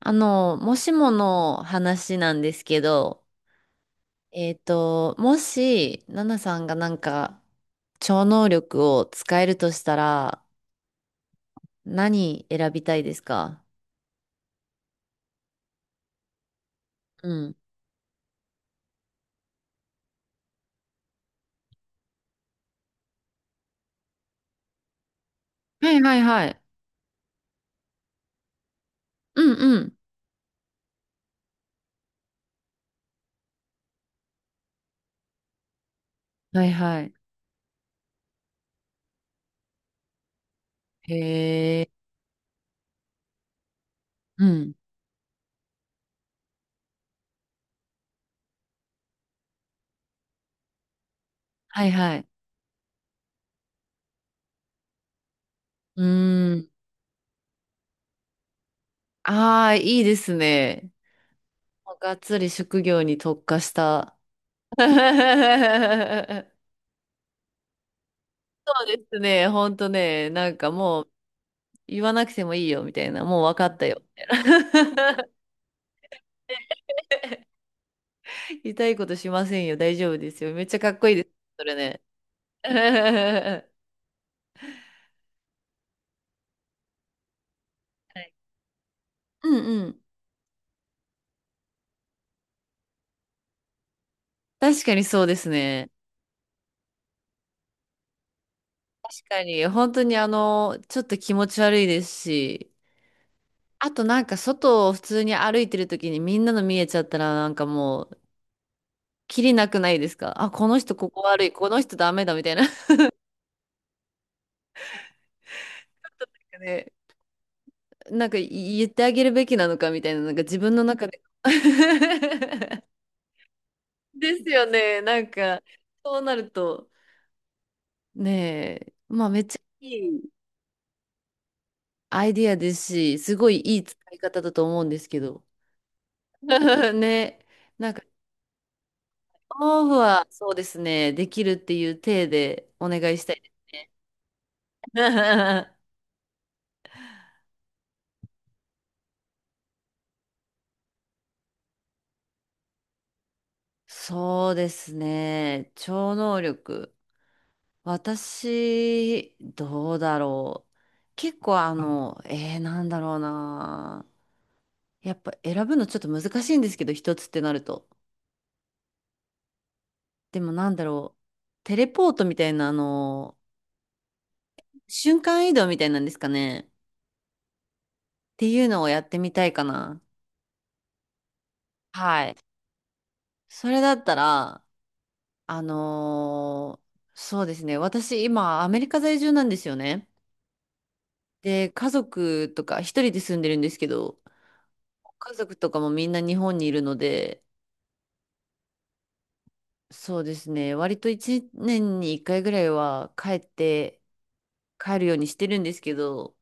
もしもの話なんですけど、もし、ナナさんが超能力を使えるとしたら、何選びたいですか？うん。はいはいはい。うんうん。はいはい。へえ。うん。はいはい。うーん。ああ、いいですね。がっつり職業に特化した。そうですね。ほんとね。なんかもう、言わなくてもいいよ、みたいな。もう分かったよ、みたいな。痛いことしませんよ、大丈夫ですよ。めっちゃかっこいいです、それね。はい。うんうん。確かにそうですね。確かに、本当に、ちょっと気持ち悪いですし、あとなんか外を普通に歩いてる時にみんなの見えちゃったらなんかもう、キリなくないですかあ、この人ここ悪い、この人ダメだみたいな。なんかね、なんか言ってあげるべきなのかみたいな、なんか自分の中で。ですよね。なんか、そうなると、ねえ、まあめっちゃいいアイディアですし、すごいいい使い方だと思うんですけど。ね、なんか、オフはそうですね、できるっていう体でお願いしたいですね。そうですね、超能力。私、どうだろう。結構なんだろうな。やっぱ選ぶのちょっと難しいんですけど、一つってなると。でもなんだろう。テレポートみたいな、瞬間移動みたいなんですかね。っていうのをやってみたいかな。はい。それだったら、あのーそうですね。私、今、アメリカ在住なんですよね。で、家族とか、一人で住んでるんですけど、家族とかもみんな日本にいるので、そうですね。割と一年に一回ぐらいは帰って、帰るようにしてるんですけど、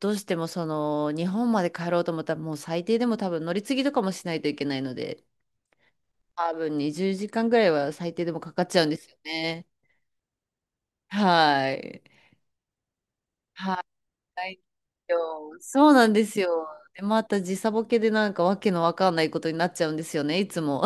どうしてもその日本まで帰ろうと思ったらもう最低でも多分乗り継ぎとかもしないといけないので、多分20時間ぐらいは最低でもかかっちゃうんですよね。はい。はい。よそうなんですよ。で、また時差ボケでなんかわけのわかんないことになっちゃうんですよね、いつも。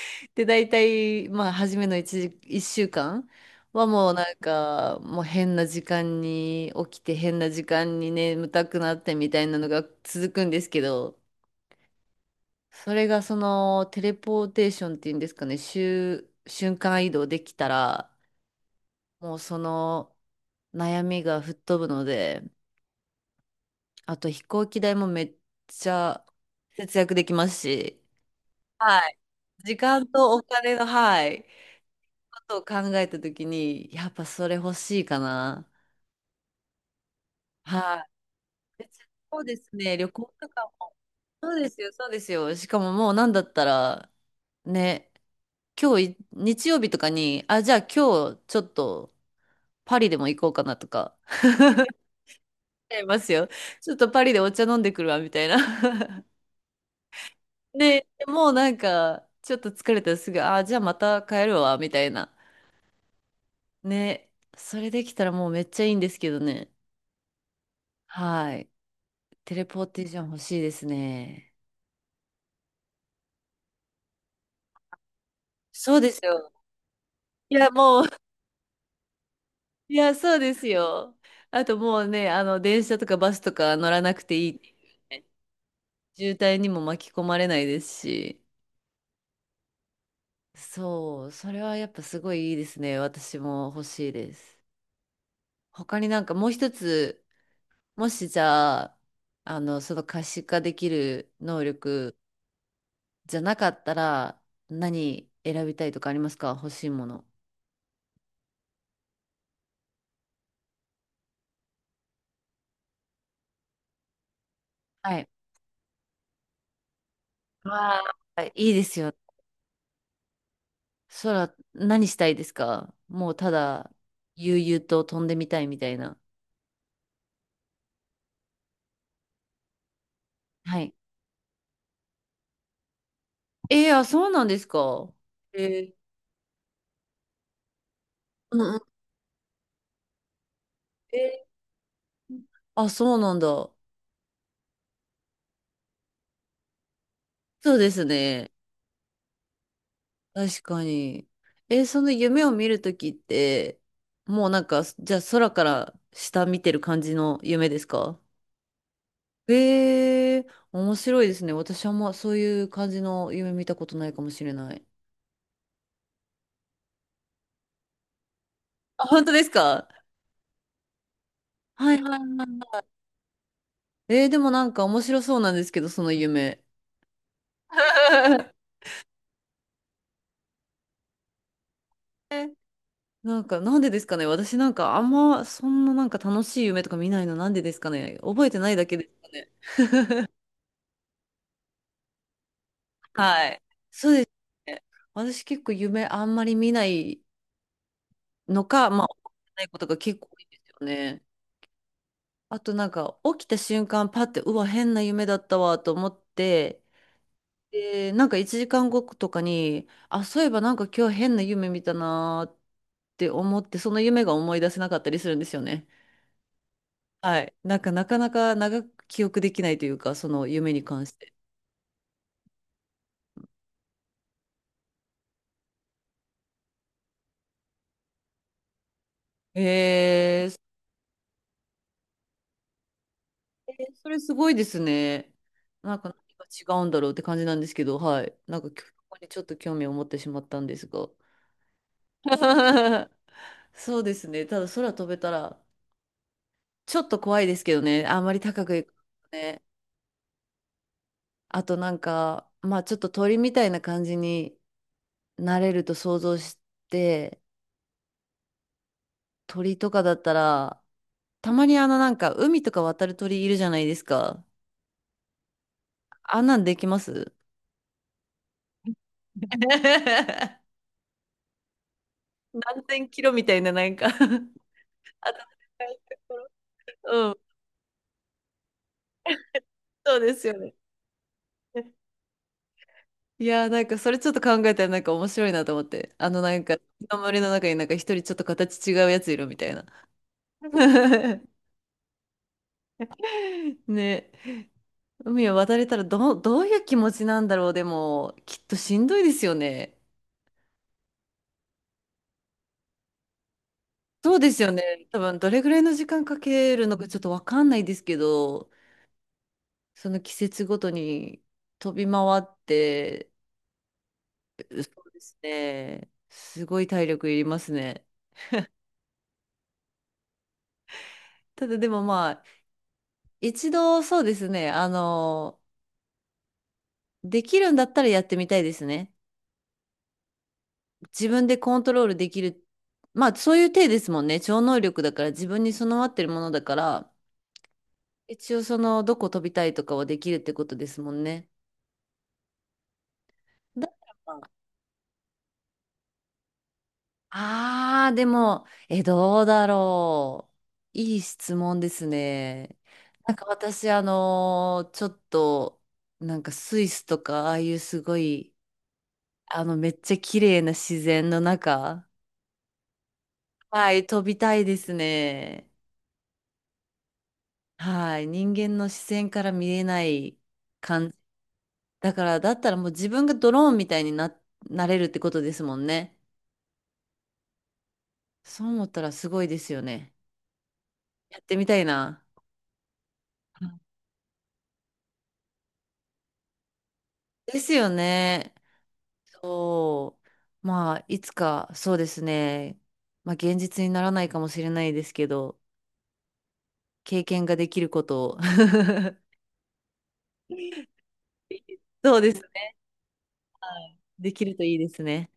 で、大体、まあ、初めの1 1週間はもうなんか、もう変な時間に起きて、変な時間に眠たくなってみたいなのが続くんですけど、それがそのテレポーテーションっていうんですかね、瞬間移動できたら、もうその悩みが吹っ飛ぶので、あと飛行機代もめっちゃ節約できますし、はい。時間とお金の、はい、ことを考えたときに、やっぱそれ欲しいかな。はい。そうですね、旅行とか。そうですよ、そうですよ。しかももうなんだったら、ね、今日い、日曜日とかに、あ、じゃあ今日ちょっとパリでも行こうかなとか、思いますよ。ちょっとパリでお茶飲んでくるわ、みたいな。で、もうなんか、ちょっと疲れたらすぐ、あ、じゃあまた帰るわ、みたいな。ね、それできたらもうめっちゃいいんですけどね。はい。テレポーテーション欲しいですね。そうですよ。いや、もういや、そうですよ。あともうね、電車とかバスとか乗らなくていい。渋滞にも巻き込まれないですし。そう、それはやっぱすごいいいですね。私も欲しいです。他になんかもう一つ、もしじゃあ、その可視化できる能力じゃなかったら、何選びたいとかありますか？欲しいもの。はい。わあ、いいですよ。そら、何したいですか？もうただ、悠々と飛んでみたいみたいな。はい。えー、あ、そうなんですか。えー、うんうん。えー、あ、そうなんだ。そうですね。確かに。えー、その夢を見るときって、もうなんか、じゃあ空から下見てる感じの夢ですか？えー、面白いですね。私はもうそういう感じの夢見たことないかもしれない。あ、本当ですか？はいはいはいはい。えー、でもなんか面白そうなんですけど、その夢。なんか、なんでですかね。私なんか、あんま、そんななんか楽しい夢とか見ないの、なんでですかね。覚えてないだけですかね。はい。そうですね。私結構夢あんまり見ないのか、まあ、覚えてないことが結構多いんですよね。あとなんか、起きた瞬間、パって、うわ、変な夢だったわ、と思って、で、なんか1時間後とかに、あ、そういえばなんか今日変な夢見たなーって思って、その夢が思い出せなかったりするんですよね。はい。なんか、なかなか長く記憶できないというか、その夢に関して。えー、それそれすごいですね。なんか何が違うんだろうって感じなんですけど、はい。なんか、ここにちょっと興味を持ってしまったんですが。そうですね。ただ、空飛べたら、ちょっと怖いですけどね。あんまり高く行くとね。あと、なんか、まあ、ちょっと鳥みたいな感じになれると想像して、鳥とかだったら、たまになんか海とか渡る鳥いるじゃないですか。あんなんできます？ 何千キロみたいななんか。 うん、そうですよね。いやーなんかそれちょっと考えたらなんか面白いなと思って。森の中になんか一人ちょっと形違うやついるみたいな。ね。海を渡れたらどういう気持ちなんだろう。でも、きっとしんどいですよね。そうですよね。多分どれぐらいの時間かけるのかちょっとわかんないですけど、その季節ごとに飛び回って、そうですね。すごい体力いりますね。ただでもまあ、一度そうですね、できるんだったらやってみたいですね。自分でコントロールできる。まあそういう体ですもんね。超能力だから自分に備わってるものだから、一応そのどこ飛びたいとかはできるってことですもんね。だからま、ああ、でも、え、どうだろう。いい質問ですね。なんか私、ちょっと、なんかスイスとか、ああいうすごい、めっちゃ綺麗な自然の中、はい、飛びたいですね。はい、人間の視線から見れない感じ。だから、だったらもう自分がドローンみたいにな、なれるってことですもんね。そう思ったらすごいですよね。やってみたいな。うん、ですよね。そう。まあ、いつか、そうですね。まあ、現実にならないかもしれないですけど、経験ができることを。そうですね。はい、できるといいですね。